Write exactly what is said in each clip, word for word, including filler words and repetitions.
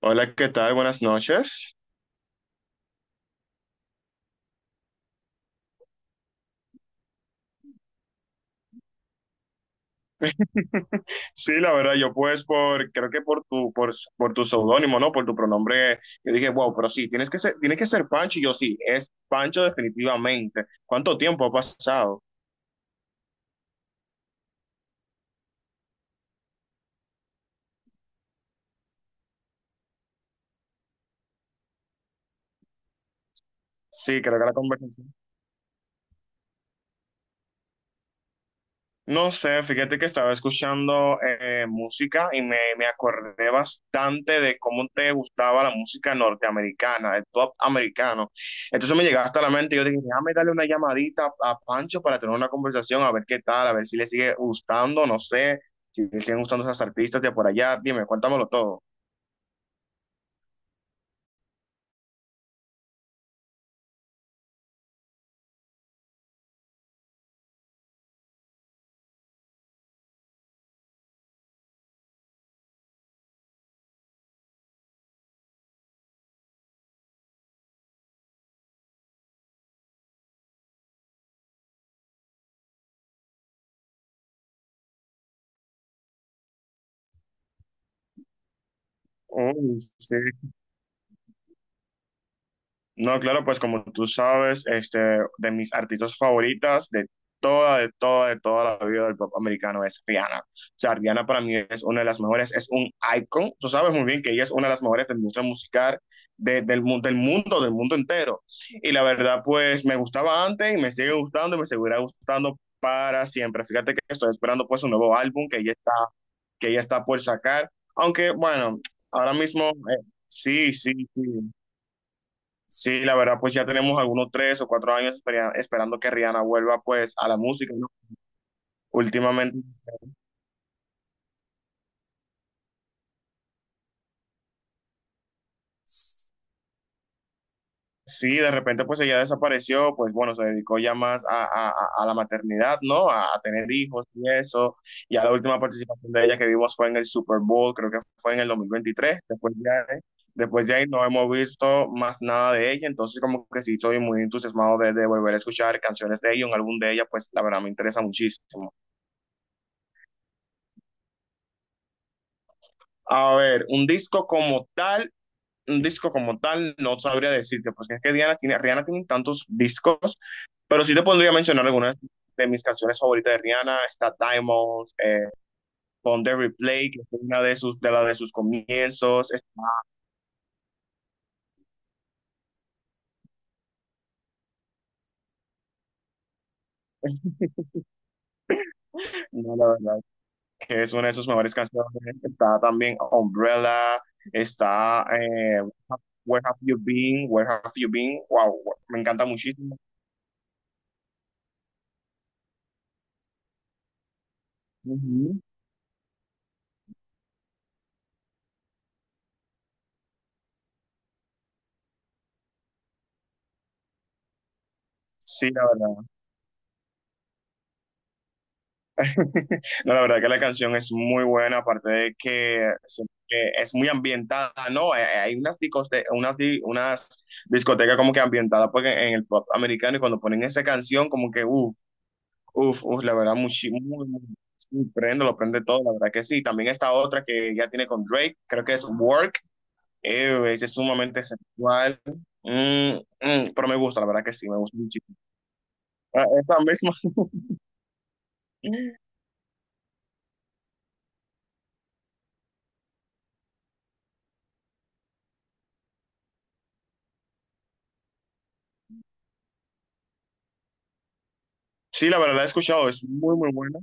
Hola, ¿qué tal? Buenas noches. Sí, la verdad, yo pues por, creo que por tu, por, por tu seudónimo, ¿no? Por tu pronombre, yo dije, wow, pero sí, tienes que ser, tienes que ser Pancho, y yo sí, es Pancho definitivamente. ¿Cuánto tiempo ha pasado? Sí, creo que la conversación. No sé, fíjate que estaba escuchando eh, música y me, me acordé bastante de cómo te gustaba la música norteamericana, el pop americano. Entonces me llegaste a la mente y yo dije, déjame darle una llamadita a, a Pancho para tener una conversación, a ver qué tal, a ver si le sigue gustando, no sé, si le siguen gustando esas artistas de por allá. Dime, cuéntamelo todo. Oh, sí. No, claro, pues como tú sabes, este, de mis artistas favoritas de toda, de toda, de toda la vida del pop americano es Rihanna. O sea, Rihanna para mí es una de las mejores, es un icon. Tú sabes muy bien que ella es una de las mejores de la industria musical de- del, mu- del mundo, del mundo entero. Y la verdad, pues me gustaba antes y me sigue gustando y me seguirá gustando para siempre. Fíjate que estoy esperando pues un nuevo álbum que ella está, que ella está por sacar. Aunque, bueno, ahora mismo, eh, sí, sí, sí. Sí, la verdad, pues ya tenemos algunos tres o cuatro años espera- esperando que Rihanna vuelva pues a la música, ¿no? Últimamente, sí, de repente pues ella desapareció, pues bueno, se dedicó ya más a, a- a- a la maternidad, ¿no? A, a tener hijos y eso. Ya la última participación de ella que vimos fue en el Super Bowl, creo que fue en el dos mil veintitrés. Después ya, de- después de ahí no hemos visto más nada de ella, entonces como que sí, soy muy entusiasmado de, de volver a escuchar canciones de ella, un álbum de ella, pues la verdad me interesa muchísimo. A ver, un disco como tal, un disco como tal, no sabría decirte, porque es que Diana tiene, Rihanna tiene tantos discos, pero sí te podría mencionar algunas de mis canciones favoritas de Rihanna. Está Diamonds, eh, Pon the Replay, que es una de sus, de la de sus comienzos, está, no, la verdad, que es una de sus mejores canciones, está también Umbrella, está eh, Where Have You Been, Where Have You Been, wow, me encanta muchísimo. Ujú. Sí, la verdad. No, la verdad que la canción es muy buena, aparte de que se- eh, es muy ambientada, ¿no? Eh, eh, Hay unas, discos de unas, di- unas discotecas como que ambientadas pues, en en el pop americano, y cuando ponen esa canción como que, uff, uff, uff, la verdad, muchi- muy, muy, sí, prende, lo prende todo, la verdad que sí. También esta otra que ya tiene con Drake, creo que es Work, eh, es sumamente sensual. Mm, mm, pero me gusta, la verdad que sí, me gusta muchísimo. Ah, esa misma. Sí, la verdad la he escuchado, es muy, muy buena.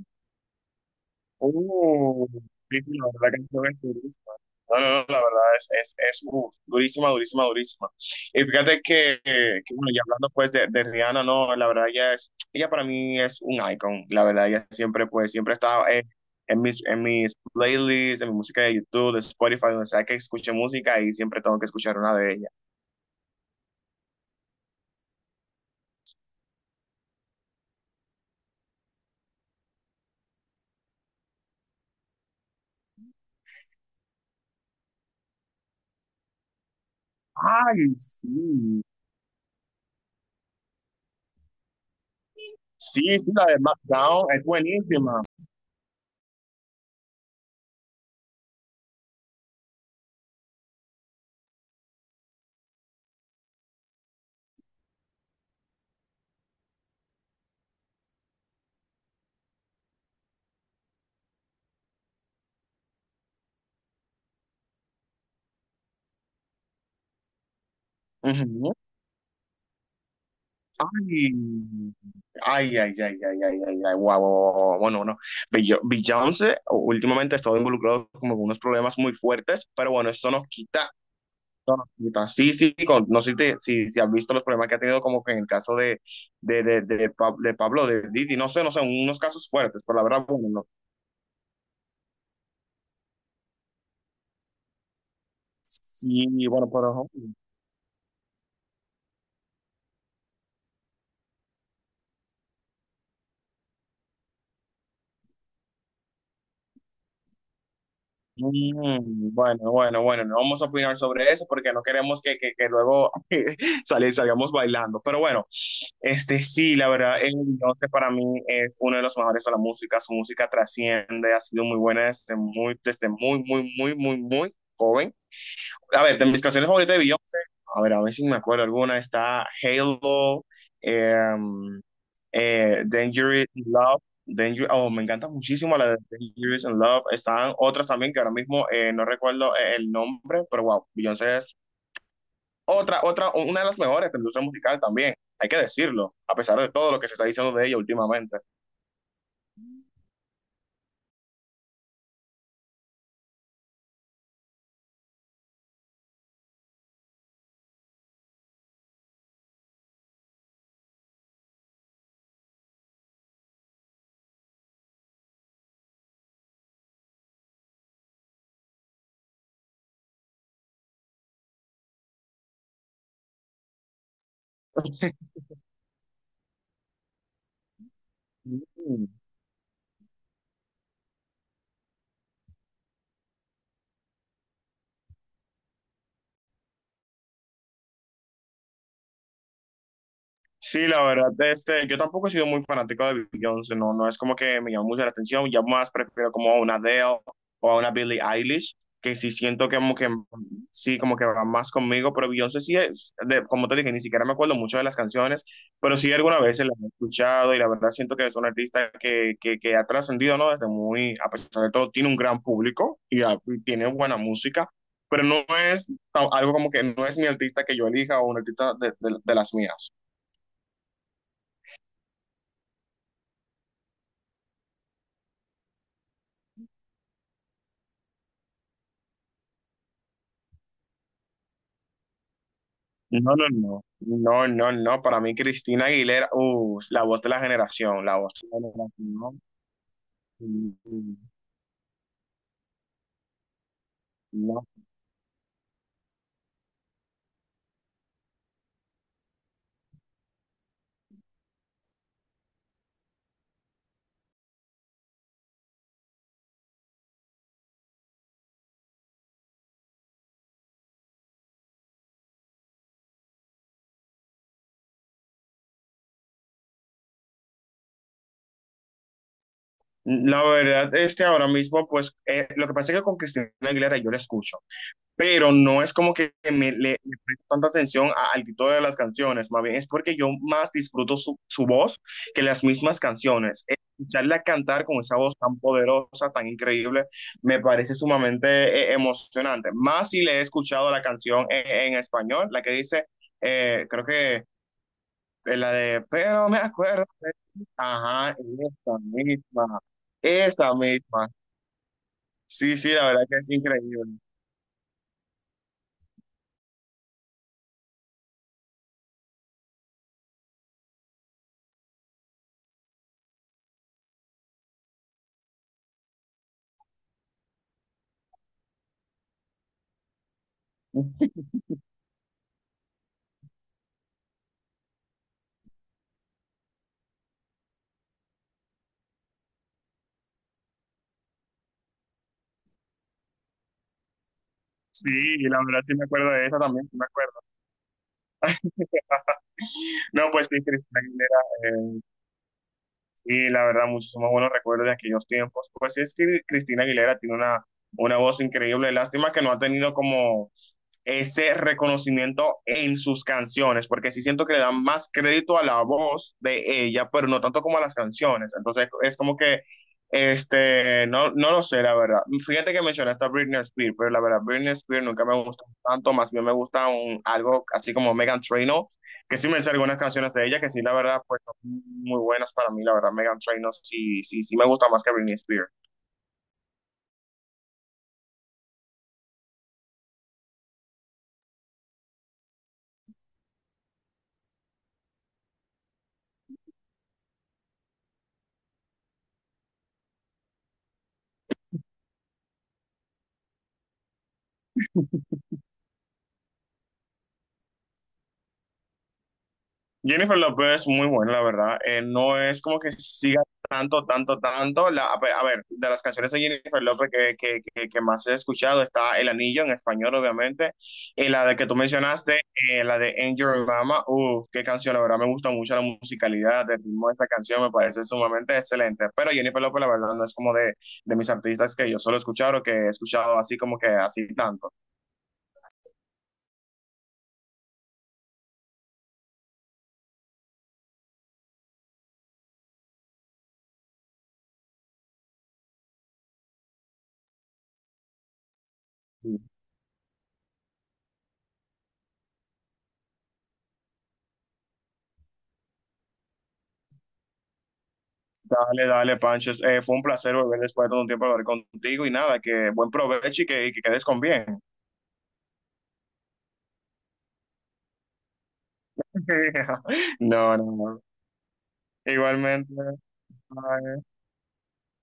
Uh, sí, sí, la verdad que esto es durísima. No, no, no, la verdad es, es, es uf, durísima, durísima, durísima. Y fíjate que, que, bueno, ya hablando pues de, de Rihanna, no, la verdad ella es, ella para mí es un icon, la verdad, ella siempre pues, siempre está eh, en mis, en mis playlists, en mi música de YouTube, de Spotify, donde sea que escuche música, y siempre tengo que escuchar una de ellas. Ay, sí, sí, sí, la de SmackDown es buenísima. Ujú. Ay, ay, ay, ay, ay, ay, ay, ay, guau, guau, guau. Bueno, bueno, Bill- Bill Jones, eh, últimamente ha estado involucrado como con unos problemas muy fuertes, pero bueno, eso nos quita, eso nos quita. Sí, sí, con- no sé si, te- si, si has visto los problemas que ha tenido como que en el caso de, de, de, de, Pa- de Pablo, de Didi, no sé, no sé, unos casos fuertes, pero la verdad, bueno, no. Sí, bueno, pero mm, bueno, bueno, bueno, no vamos a opinar sobre eso porque no queremos que, que, que luego salir, salgamos bailando, pero bueno. Este, sí, la verdad, eh, Beyoncé para mí es uno de los mejores de la música. Su música trasciende, ha sido muy buena desde muy, desde muy, muy, muy, muy, muy joven. A ver, de mis canciones favoritas de Beyoncé, a ver, a ver si me acuerdo alguna, está Halo, em, eh, Dangerous in Love, Danger- oh, me encanta muchísimo la de Dangerous in Love. Están otras también que ahora mismo eh, no recuerdo eh, el nombre, pero wow, Beyoncé es otra, otra, una de las mejores de la industria musical también, hay que decirlo, a pesar de todo lo que se está diciendo de ella últimamente. Sí, la verdad, este, yo tampoco he sido muy fanático de Beyoncé, no, no es como que me llama mucho la atención, ya más prefiero como a una Adele o a una Billie Eilish, que sí siento que como que sí, como que va más conmigo, pero Beyoncé sí es, de- como te dije, ni siquiera me acuerdo mucho de las canciones, pero sí alguna vez se las he escuchado y la verdad siento que es una artista que, que, que ha trascendido, ¿no? Desde muy, a pesar de todo, tiene un gran público y, ah, y tiene buena música, pero no es ah, algo como que no es mi artista que yo elija o un artista de de- de las mías. No, no, no, no, no, no, para mí Cristina Aguilera, uh, la voz de la generación, la voz de la generación, no, no. La verdad, este ahora mismo, pues, eh, lo que pasa es que con Cristina Aguilera yo la escucho, pero no es como que me, le, le presto tanta atención a- al título de las canciones, más bien es porque yo más disfruto su, su voz que las mismas canciones. Escucharla cantar con esa voz tan poderosa, tan increíble, me parece sumamente eh, emocionante. Más si le he escuchado la canción en, en español, la que dice, eh, creo que eh, la de, pero me acuerdo de ti. Ajá, esta misma, esta misma. Sí, sí, la verdad que es increíble. Sí, y la verdad sí me acuerdo de esa también, sí me acuerdo. No, pues sí, Cristina Aguilera, eh, sí, la verdad, muchísimos buenos recuerdos de aquellos tiempos. Pues sí, es que Cristina Aguilera tiene una, una voz increíble, lástima que no ha tenido como ese reconocimiento en sus canciones, porque sí siento que le dan más crédito a la voz de ella, pero no tanto como a las canciones. Entonces es como que, este, no, no lo sé, la verdad. Fíjate que mencionaste a Britney Spears, pero la verdad, Britney Spears nunca me gustó tanto, más bien me gusta un, algo así como Megan Trainor, que sí me sé algunas canciones de ella, que sí, la verdad, pues son muy buenas para mí, la verdad, Megan Trainor sí, sí, sí me gusta más que Britney Spears. Jennifer López es muy buena, la verdad. Eh, no es como que siga tanto, tanto, tanto. La, a ver, a ver, de las canciones de Jennifer López que, que, que, que más he escuchado está El Anillo en español, obviamente. Y la de que tú mencionaste, eh, la de Angel Mama, uff, qué canción, la verdad me gusta mucho la musicalidad, el ritmo de esta canción me parece sumamente excelente. Pero Jennifer López, la verdad, no es como de, de mis artistas que yo solo he escuchado o que he escuchado así como que así tanto. Dale, dale, Pancho. Eh, fue un placer volver después de todo un tiempo a hablar contigo y nada, que buen provecho y que, y que quedes con bien. No, no, no. Igualmente. Bye.